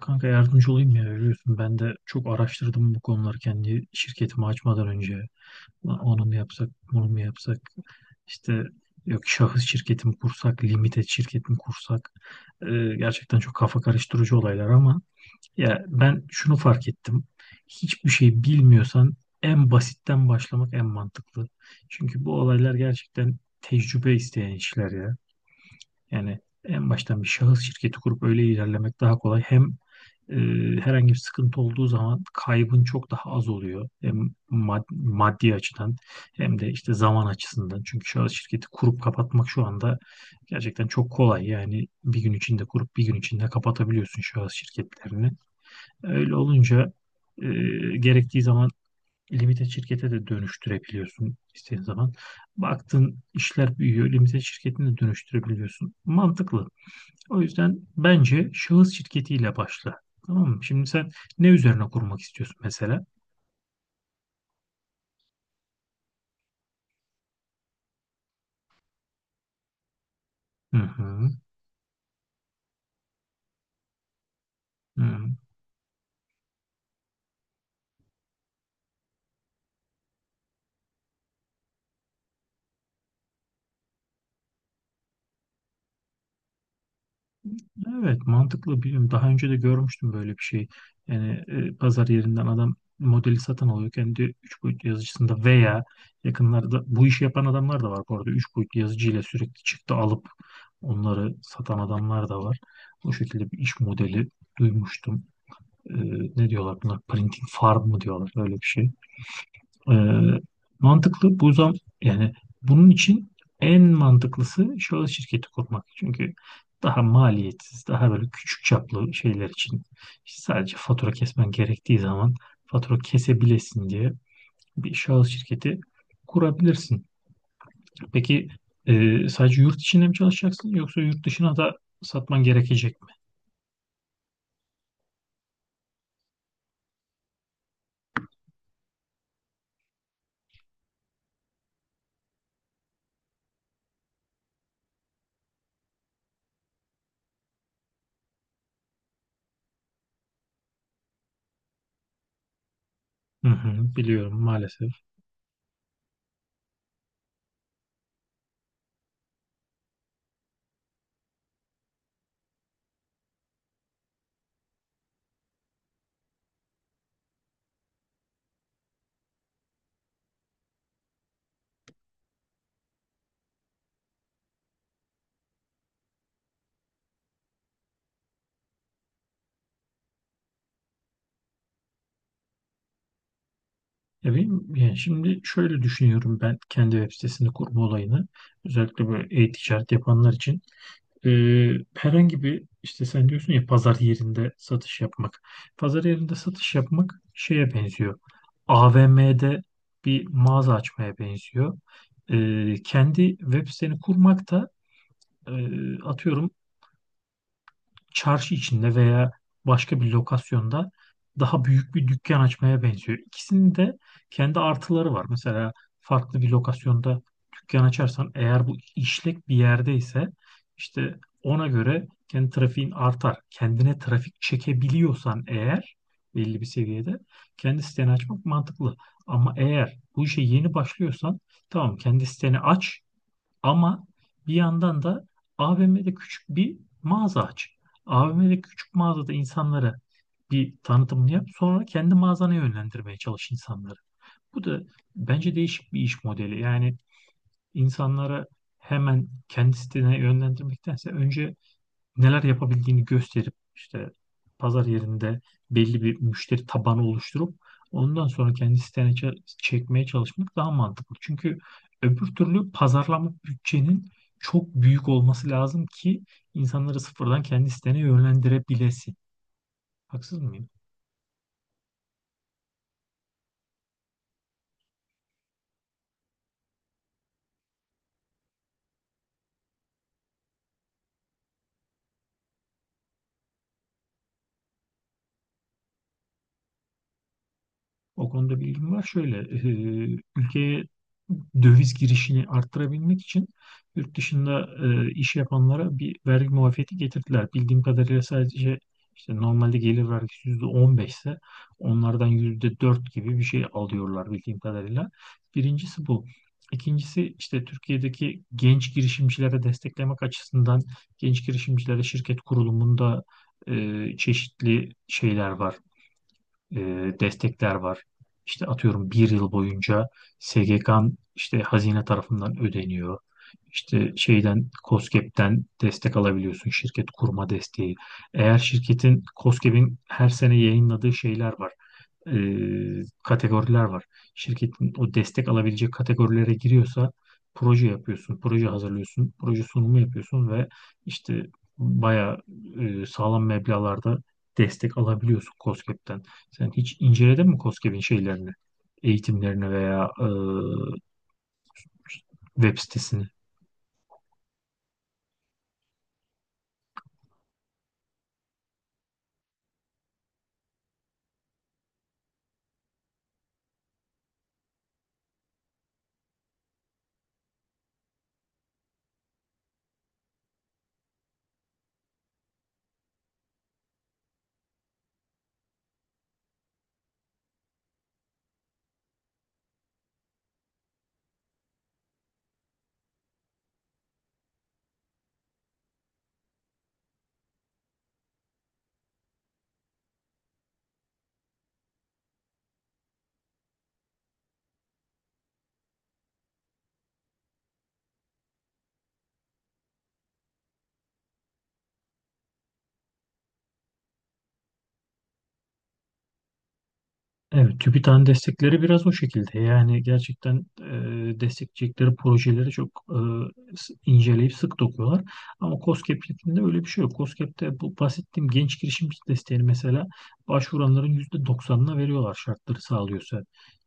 Kanka yardımcı olayım ya, biliyorsun ben de çok araştırdım bu konuları kendi şirketimi açmadan önce. Lan, onu mu yapsak, bunu mu yapsak? İşte yok şahıs şirketimi kursak, limited şirketimi kursak. Gerçekten çok kafa karıştırıcı olaylar ama ya, ben şunu fark ettim. Hiçbir şey bilmiyorsan en basitten başlamak en mantıklı. Çünkü bu olaylar gerçekten tecrübe isteyen işler ya. Yani en baştan bir şahıs şirketi kurup öyle ilerlemek daha kolay. Hem e, herhangi bir sıkıntı olduğu zaman kaybın çok daha az oluyor. Hem maddi açıdan hem de işte zaman açısından. Çünkü şahıs şirketi kurup kapatmak şu anda gerçekten çok kolay. Yani bir gün içinde kurup bir gün içinde kapatabiliyorsun şahıs şirketlerini. Öyle olunca e, gerektiği zaman limited şirkete de dönüştürebiliyorsun istediğin zaman. Baktın işler büyüyor, limited şirketini de dönüştürebiliyorsun. Mantıklı. O yüzden bence şahıs şirketiyle başla. Tamam mı? Şimdi sen ne üzerine kurmak istiyorsun mesela? Hı hı, hı. Evet, mantıklı, biliyorum. Daha önce de görmüştüm böyle bir şey. Yani pazar yerinden adam modeli satın alıyor. Kendi 3 boyutlu yazıcısında veya yakınlarda bu işi yapan adamlar da var bu arada. 3 boyutlu yazıcıyla sürekli çıktı alıp onları satan adamlar da var. O şekilde bir iş modeli duymuştum. E, ne diyorlar buna? Printing farm mı diyorlar? Öyle bir şey. Ee, mantıklı bu zam yani bunun için en mantıklısı şahıs şirketi kurmak. Çünkü daha maliyetsiz, daha böyle küçük çaplı şeyler için işte sadece fatura kesmen gerektiği zaman fatura kesebilesin diye bir şahıs şirketi kurabilirsin. Peki sadece yurt içinde mi çalışacaksın yoksa yurt dışına da satman gerekecek mi? Hı hı, biliyorum maalesef. Yani şimdi şöyle düşünüyorum ben kendi web sitesini kurma olayını. Özellikle böyle e-ticaret yapanlar için. Herhangi bir işte sen diyorsun ya pazar yerinde satış yapmak. Pazar yerinde satış yapmak şeye benziyor. AVM'de bir mağaza açmaya benziyor. Kendi web siteni kurmak da e, atıyorum çarşı içinde veya başka bir lokasyonda daha büyük bir dükkan açmaya benziyor. İkisinin de kendi artıları var. Mesela farklı bir lokasyonda dükkan açarsan eğer bu işlek bir yerde ise işte ona göre kendi trafiğin artar. Kendine trafik çekebiliyorsan eğer belli bir seviyede kendi siteni açmak mantıklı. Ama eğer bu işe yeni başlıyorsan tamam, kendi siteni aç ama bir yandan da AVM'de küçük bir mağaza aç. AVM'de küçük mağazada insanlara bir tanıtımını yap. Sonra kendi mağazana yönlendirmeye çalış insanları. Bu da bence değişik bir iş modeli. Yani insanlara hemen kendi sitene yönlendirmektense önce neler yapabildiğini gösterip işte pazar yerinde belli bir müşteri tabanı oluşturup ondan sonra kendi sitene çekmeye çalışmak daha mantıklı. Çünkü öbür türlü pazarlama bütçenin çok büyük olması lazım ki insanları sıfırdan kendi sitene yönlendirebilesin. Haksız mıyım? O konuda bilgim var. Şöyle, ülkeye döviz girişini arttırabilmek için yurt dışında iş yapanlara bir vergi muafiyeti getirdiler. Bildiğim kadarıyla sadece işte normalde gelir vergisi %15 ise onlardan %4 gibi bir şey alıyorlar bildiğim kadarıyla. Birincisi bu. İkincisi işte Türkiye'deki genç girişimcilere desteklemek açısından genç girişimcilere şirket kurulumunda çeşitli şeyler var, e, destekler var. İşte atıyorum bir yıl boyunca SGK'nın işte hazine tarafından ödeniyor. İşte şeyden KOSGEB'den destek alabiliyorsun, şirket kurma desteği. Eğer şirketin KOSGEB'in her sene yayınladığı şeyler var, kategoriler var. Şirketin o destek alabilecek kategorilere giriyorsa proje yapıyorsun, proje hazırlıyorsun, proje sunumu yapıyorsun ve işte bayağı sağlam meblağlarda destek alabiliyorsun KOSGEB'ten. Sen hiç inceledin mi KOSGEB'in şeylerini, eğitimlerini veya web sitesini? Evet, TÜBİTAK'ın destekleri biraz o şekilde. Yani gerçekten destekleyecekleri projeleri çok inceleyip sık dokuyorlar. Ama KOSGEB'de öyle bir şey yok. KOSGEB'de bu bahsettiğim genç girişimci desteğini mesela başvuranların %90'ına veriyorlar şartları sağlıyorsa.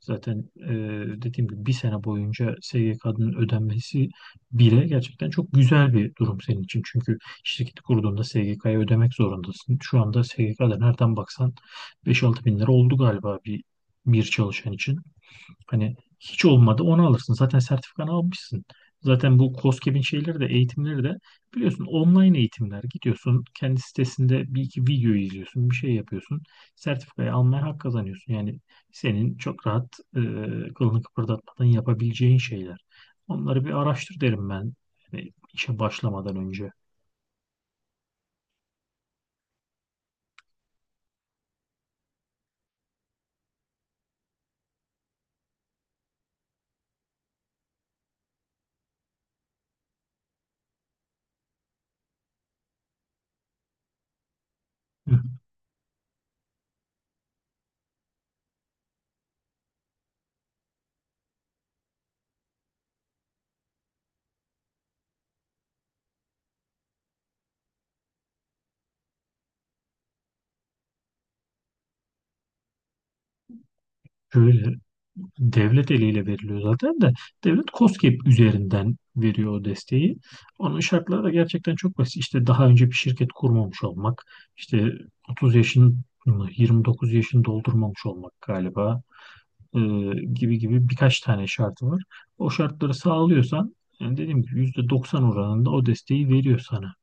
Zaten dediğim gibi bir sene boyunca SGK'nın ödenmesi bile gerçekten çok güzel bir durum senin için. Çünkü şirketi kurduğunda SGK'ya ödemek zorundasın. Şu anda SGK'da nereden baksan 5-6 bin lira oldu galiba bir çalışan için. Hani hiç olmadı onu alırsın. Zaten sertifikanı almışsın. Zaten bu KOSGEB'in şeyleri de eğitimleri de biliyorsun online eğitimler. Gidiyorsun kendi sitesinde bir iki video izliyorsun. Bir şey yapıyorsun. Sertifikayı almaya hak kazanıyorsun. Yani senin çok rahat kılını kıpırdatmadan yapabileceğin şeyler. Onları bir araştır derim ben e, işe başlamadan önce. Hı. Şöyle, devlet eliyle veriliyor zaten de devlet KOSGEB üzerinden veriyor o desteği. Onun şartları da gerçekten çok basit. İşte daha önce bir şirket kurmamış olmak, işte 30 yaşını 29 yaşını doldurmamış olmak galiba, e, gibi gibi birkaç tane şartı var. O şartları sağlıyorsan yani dediğim gibi %90 oranında o desteği veriyor sana.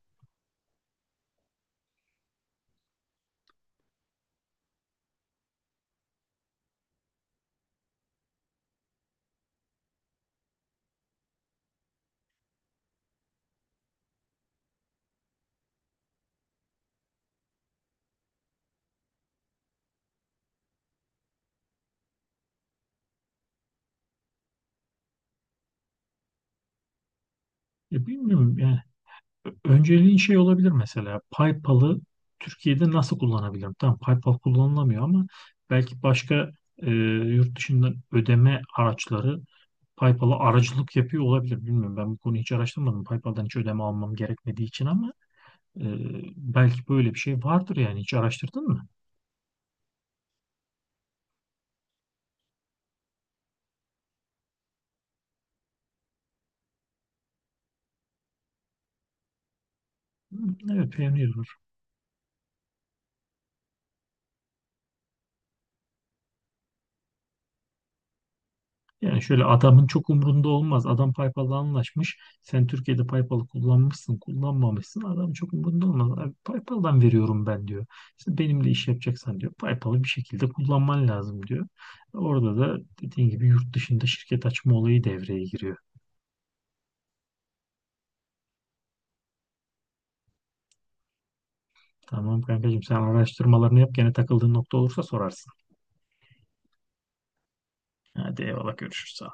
Bilmiyorum yani. Önceliğin şey olabilir, mesela PayPal'ı Türkiye'de nasıl kullanabilirim? Tamam, PayPal kullanılamıyor ama belki başka yurt dışından ödeme araçları PayPal'a aracılık yapıyor olabilir. Bilmiyorum, ben bu konuyu hiç araştırmadım, PayPal'dan hiç ödeme almam gerekmediği için, ama e, belki böyle bir şey vardır, yani hiç araştırdın mı? Hı. Evet, beğeniyorum. Yani şöyle, adamın çok umrunda olmaz. Adam PayPal'la anlaşmış. Sen Türkiye'de PayPal'ı kullanmışsın, kullanmamışsın, adam çok umrunda olmaz. Abi, PayPal'dan veriyorum ben diyor. İşte, benimle iş yapacaksan diyor, PayPal'ı bir şekilde kullanman lazım diyor. Orada da dediğin gibi yurt dışında şirket açma olayı devreye giriyor. Tamam kankacığım, sen araştırmalarını yap. Gene takıldığın nokta olursa sorarsın. Hadi, eyvallah, görüşürüz.